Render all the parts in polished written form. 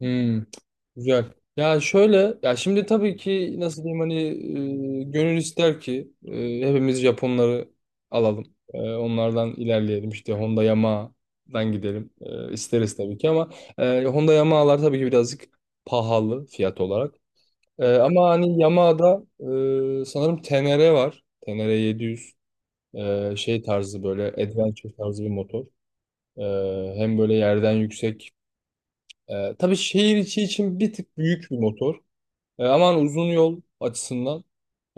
Hmm, güzel. Ya şöyle, ya şimdi tabii ki nasıl diyeyim hani gönül ister ki hepimiz Japonları alalım. Onlardan ilerleyelim işte Honda Yamaha'dan gidelim. E, isteriz tabii ki ama Honda Yamaha'lar tabii ki birazcık pahalı fiyat olarak. Ama hani Yamaha'da sanırım TNR var. TNR 700 şey tarzı böyle adventure tarzı bir motor. E, hem böyle yerden yüksek. Tabii şehir içi için bir tık büyük bir motor. Ama hani uzun yol açısından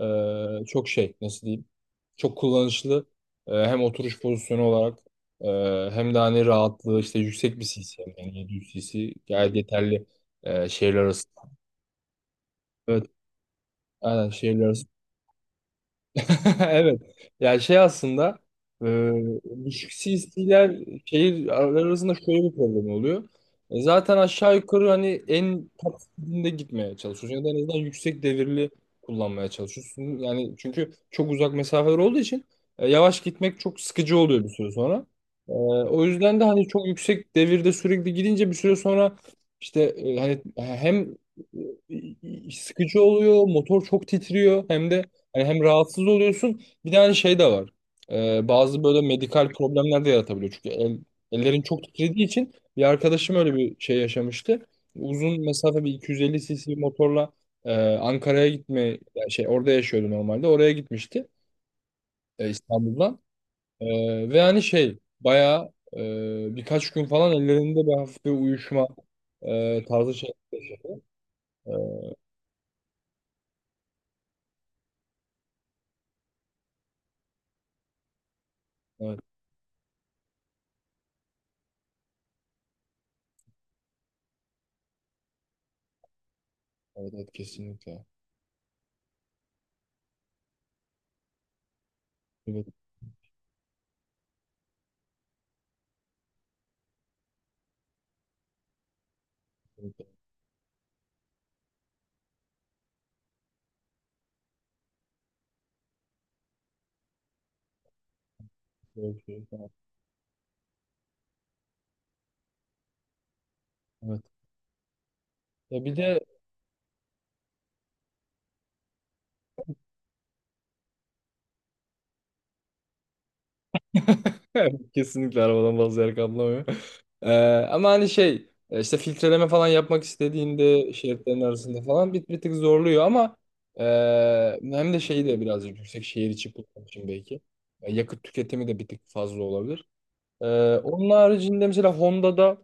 çok şey nasıl diyeyim çok kullanışlı. Hem oturuş pozisyonu olarak hem de hani rahatlığı işte yüksek bir cc yani 700 cc gayet yeterli şehirler arası. Evet, aynen şehirler arası. Evet. Yani şey aslında e, düşük CS'ler şehir arasında şöyle bir problem oluyor. Zaten aşağı yukarı hani en taksitinde gitmeye çalışıyorsun ya da en azından yüksek devirli kullanmaya çalışıyorsun. Yani çünkü çok uzak mesafeler olduğu için yavaş gitmek çok sıkıcı oluyor bir süre sonra. E, o yüzden de hani çok yüksek devirde sürekli gidince bir süre sonra işte hani hem sıkıcı oluyor, motor çok titriyor hem de yani hem rahatsız oluyorsun bir de hani şey de var. Bazı böyle medikal problemler de yaratabiliyor. Çünkü ellerin çok titrediği için bir arkadaşım öyle bir şey yaşamıştı. Uzun mesafe bir 250 cc motorla Ankara'ya gitme yani şey orada yaşıyordu normalde. Oraya gitmişti İstanbul'dan. Ve hani şey bayağı birkaç gün falan ellerinde bir hafif bir uyuşma tarzı şey. Evet, evet, evet, kesinlikle. Evet, kesinlikle. Evet, evet. Evet. Ya bir de evet, kesinlikle arabadan bazı yer kaplamıyor. Ee, ama hani şey işte filtreleme falan yapmak istediğinde şeritlerin arasında falan bir tık zorluyor ama e, hem de şeyi de birazcık yüksek şehir içi kullanım için belki. Yakıt tüketimi de bir tık fazla olabilir. E, onun haricinde mesela Honda'da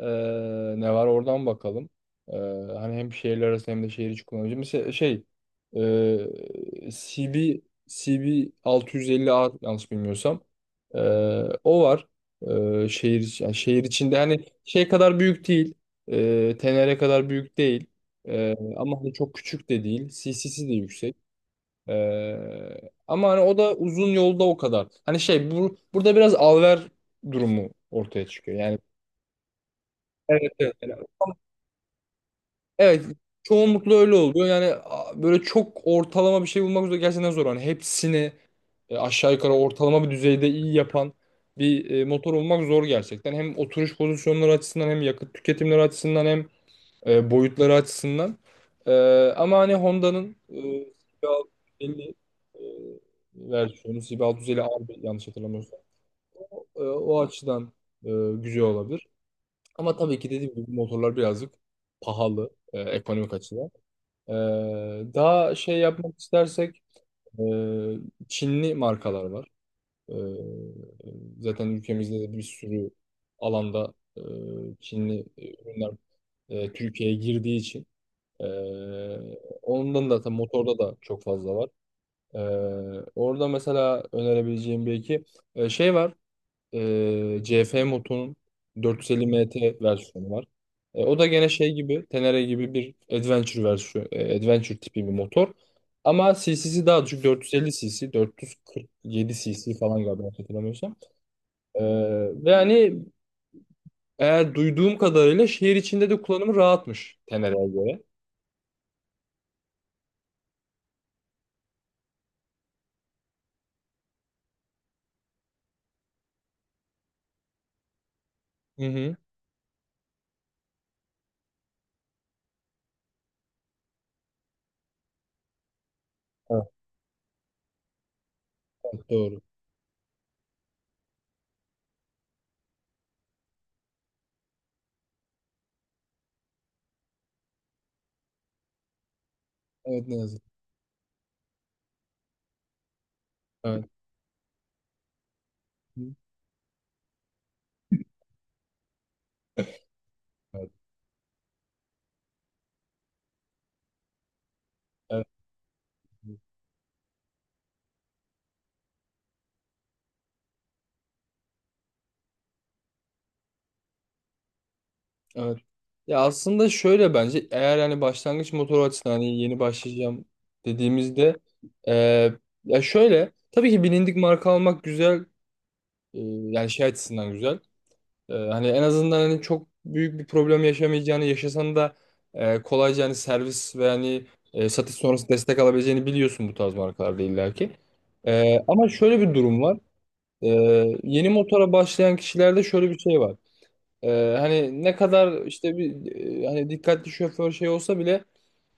ee, ne var oradan bakalım. Ee, hani hem şehirler arası hem de şehir içi kullanıcı. Mesela şey e, CB CB 650R yanlış bilmiyorsam. Ee, o var. Yani şehir içinde hani şey kadar büyük değil. Tenere kadar büyük değil. Ama hani çok küçük de değil. CC'si de yüksek. Ama hani o da uzun yolda o kadar. Hani şey burada biraz alver durumu ortaya çıkıyor. Yani evet, evet. Evet, çoğunlukla öyle oluyor. Yani böyle çok ortalama bir şey bulmak üzere gerçekten zor. Hani hepsini aşağı yukarı ortalama bir düzeyde iyi yapan bir motor olmak zor gerçekten. Hem oturuş pozisyonları açısından hem yakıt tüketimleri açısından hem boyutları açısından. E, ama hani Honda'nın CB650 e, versiyonu CB650 R yanlış hatırlamıyorsam o açıdan e, güzel olabilir. Ama tabii ki dediğim gibi motorlar birazcık pahalı ekonomik açıdan. Ee, daha şey yapmak istersek e, Çinli markalar var. Ee, zaten ülkemizde de bir sürü alanda Çinli ürünler Türkiye'ye girdiği için e, ondan da tabii motorda da çok fazla var. Ee, orada mesela önerebileceğim bir iki şey var. CF Moto'nun 450 MT versiyonu var. O da gene şey gibi, Tenere gibi bir adventure versiyon, adventure tipi bir motor. Ama cc'si daha düşük 450 cc, 447 cc falan galiba yanlış hatırlamıyorsam. Ee, ve hani eğer duyduğum kadarıyla şehir içinde de kullanımı rahatmış Tenere'ye göre. Hı hı. Evet, doğru. Evet, ne yazık. Evet. Hı. Evet. Evet. Ya aslında şöyle bence eğer yani başlangıç motoru açısından hani yeni başlayacağım dediğimizde eee, ya şöyle tabii ki bilindik marka almak güzel. Eee, yani şey açısından güzel. Hani en azından hani çok büyük bir problem yaşamayacağını yaşasan da kolayca hani servis ve hani satış sonrası destek alabileceğini biliyorsun bu tarz markalarda illaki. Ama şöyle bir durum var. Yeni motora başlayan kişilerde şöyle bir şey var. Hani ne kadar işte bir hani dikkatli şoför şey olsa bile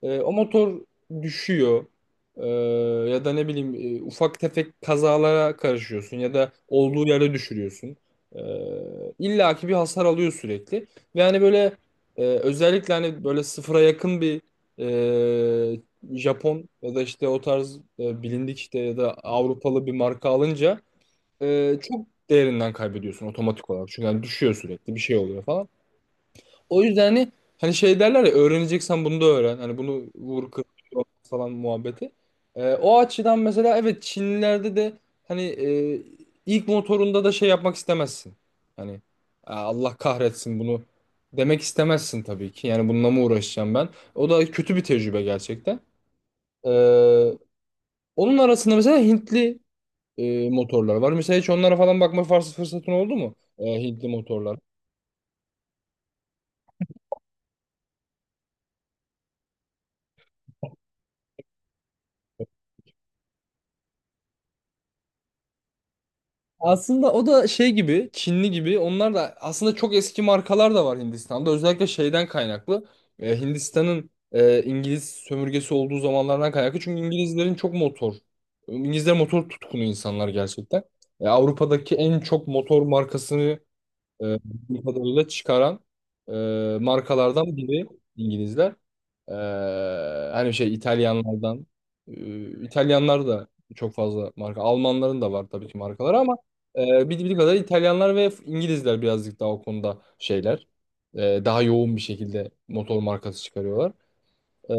o motor düşüyor. Ee, ya da ne bileyim ufak tefek kazalara karışıyorsun ya da olduğu yere düşürüyorsun. Ee, illa ki bir hasar alıyor sürekli. Ve hani böyle özellikle hani böyle sıfıra yakın bir e, Japon ya da işte o tarz bilindik işte ya da Avrupalı bir marka alınca çok değerinden kaybediyorsun otomatik olarak. Çünkü hani düşüyor sürekli bir şey oluyor falan. O yüzden hani şey derler ya, öğreneceksen bunu da öğren. Hani bunu vur kır yok falan muhabbeti. O açıdan mesela evet, Çinlilerde de hani ilk motorunda da şey yapmak istemezsin. Hani "Aa, Allah kahretsin bunu" demek istemezsin tabii ki. Yani bununla mı uğraşacağım ben? O da kötü bir tecrübe gerçekten. Ee, onun arasında mesela Hintli motorlar var. Mesela hiç onlara falan bakma fırsatın oldu mu? Hintli motorlar. Aslında o da şey gibi, Çinli gibi. Onlar da aslında çok eski markalar da var Hindistan'da. Özellikle şeyden kaynaklı. Hindistan'ın İngiliz sömürgesi olduğu zamanlardan kaynaklı. Çünkü İngilizlerin çok motor. İngilizler motor tutkunu insanlar gerçekten. Avrupa'daki en çok motor markasını bildiğim kadarıyla çıkaran markalardan biri İngilizler. E, hani şey İtalyanlardan İtalyanlar da çok fazla marka. Almanların da var tabii ki markaları ama bildiğim kadar İtalyanlar ve İngilizler birazcık daha o konuda şeyler. Daha yoğun bir şekilde motor markası çıkarıyorlar. E,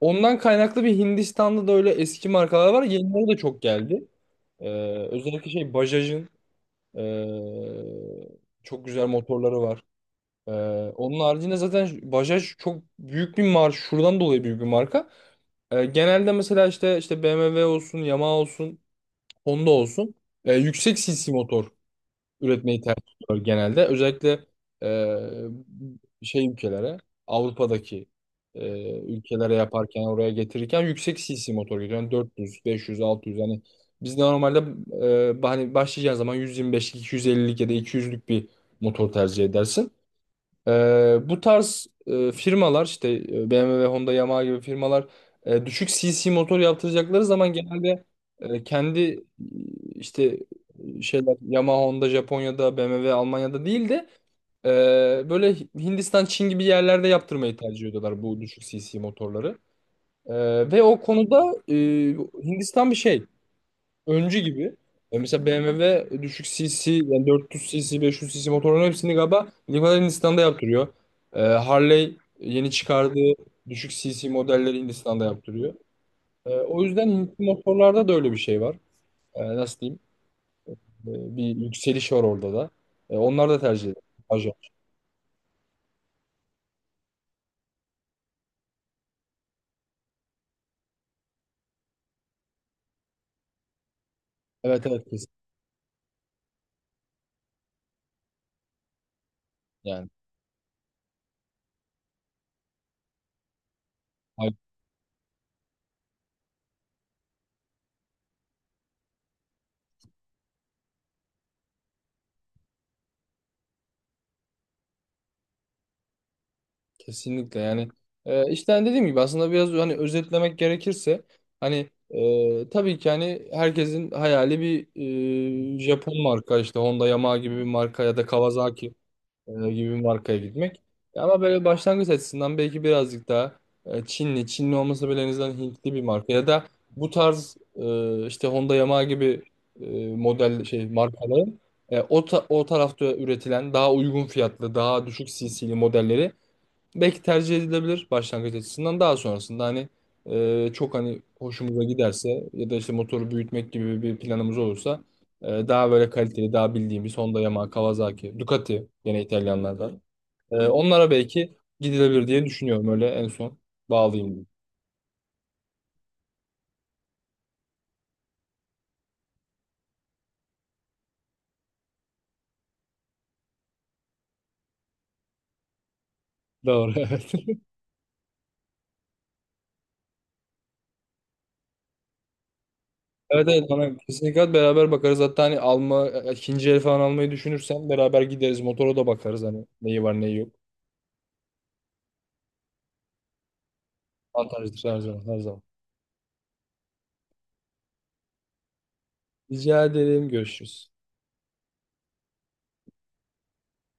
ondan kaynaklı bir Hindistan'da da öyle eski markalar var. Yenileri de çok geldi. E, özellikle şey Bajaj'ın e, çok güzel motorları var. Ee, onun haricinde zaten Bajaj çok büyük bir marka. Şuradan dolayı büyük bir marka. Genelde mesela işte BMW olsun, Yamaha olsun, Honda olsun yüksek cc motor üretmeyi tercih ediyor genelde. Özellikle e, şey ülkelere, Avrupa'daki ülkelere yaparken, oraya getirirken yüksek cc motor getiriyor. Yani 400, 500, 600 hani biz normalde hani başlayacağın zaman 125'lik, 250'lik ya da 200'lük bir motor tercih edersin. Bu tarz firmalar işte BMW, Honda, Yamaha gibi firmalar düşük CC motor yaptıracakları zaman genelde kendi işte şeyler Yamaha, Honda Japonya'da, BMW Almanya'da değil de böyle Hindistan, Çin gibi yerlerde yaptırmayı tercih ediyorlar bu düşük CC motorları. E, ve o konuda Hindistan bir şey öncü gibi. Mesela BMW düşük cc yani 400 cc 500 cc motorların hepsini galiba Livalar Hindistan'da yaptırıyor. Harley yeni çıkardığı düşük cc modelleri Hindistan'da yaptırıyor. O yüzden Hintli motorlarda da öyle bir şey var. Nasıl diyeyim? Bir yükseliş var orada da. Onlar da tercih ediyor. Pajot. Evet, evet, kesin yani. Kesinlikle yani işte hani dediğim gibi aslında biraz hani özetlemek gerekirse hani tabii ki hani herkesin hayali bir Japon marka işte Honda Yamaha gibi bir marka ya da Kawasaki gibi bir markaya gitmek. Ama böyle başlangıç açısından belki birazcık daha Çinli olmasa bile en azından Hintli bir marka ya da bu tarz işte Honda Yamaha gibi model şey markaların o tarafta üretilen daha uygun fiyatlı, daha düşük CC'li modelleri belki tercih edilebilir başlangıç açısından. Daha sonrasında hani çok hani hoşumuza giderse ya da işte motoru büyütmek gibi bir planımız olursa daha böyle kaliteli, daha bildiğimiz Honda, Yamaha, Kawasaki, Ducati gene İtalyanlardan. Onlara belki gidilebilir diye düşünüyorum, öyle en son bağlayayım, dedim. Doğru. Evet. Evet, evet, bana kesinlikle beraber bakarız. Hatta hani ikinci el falan almayı düşünürsen beraber gideriz. Motora da bakarız hani neyi var neyi yok. Avantajdır her zaman, her zaman. Rica ederim, görüşürüz.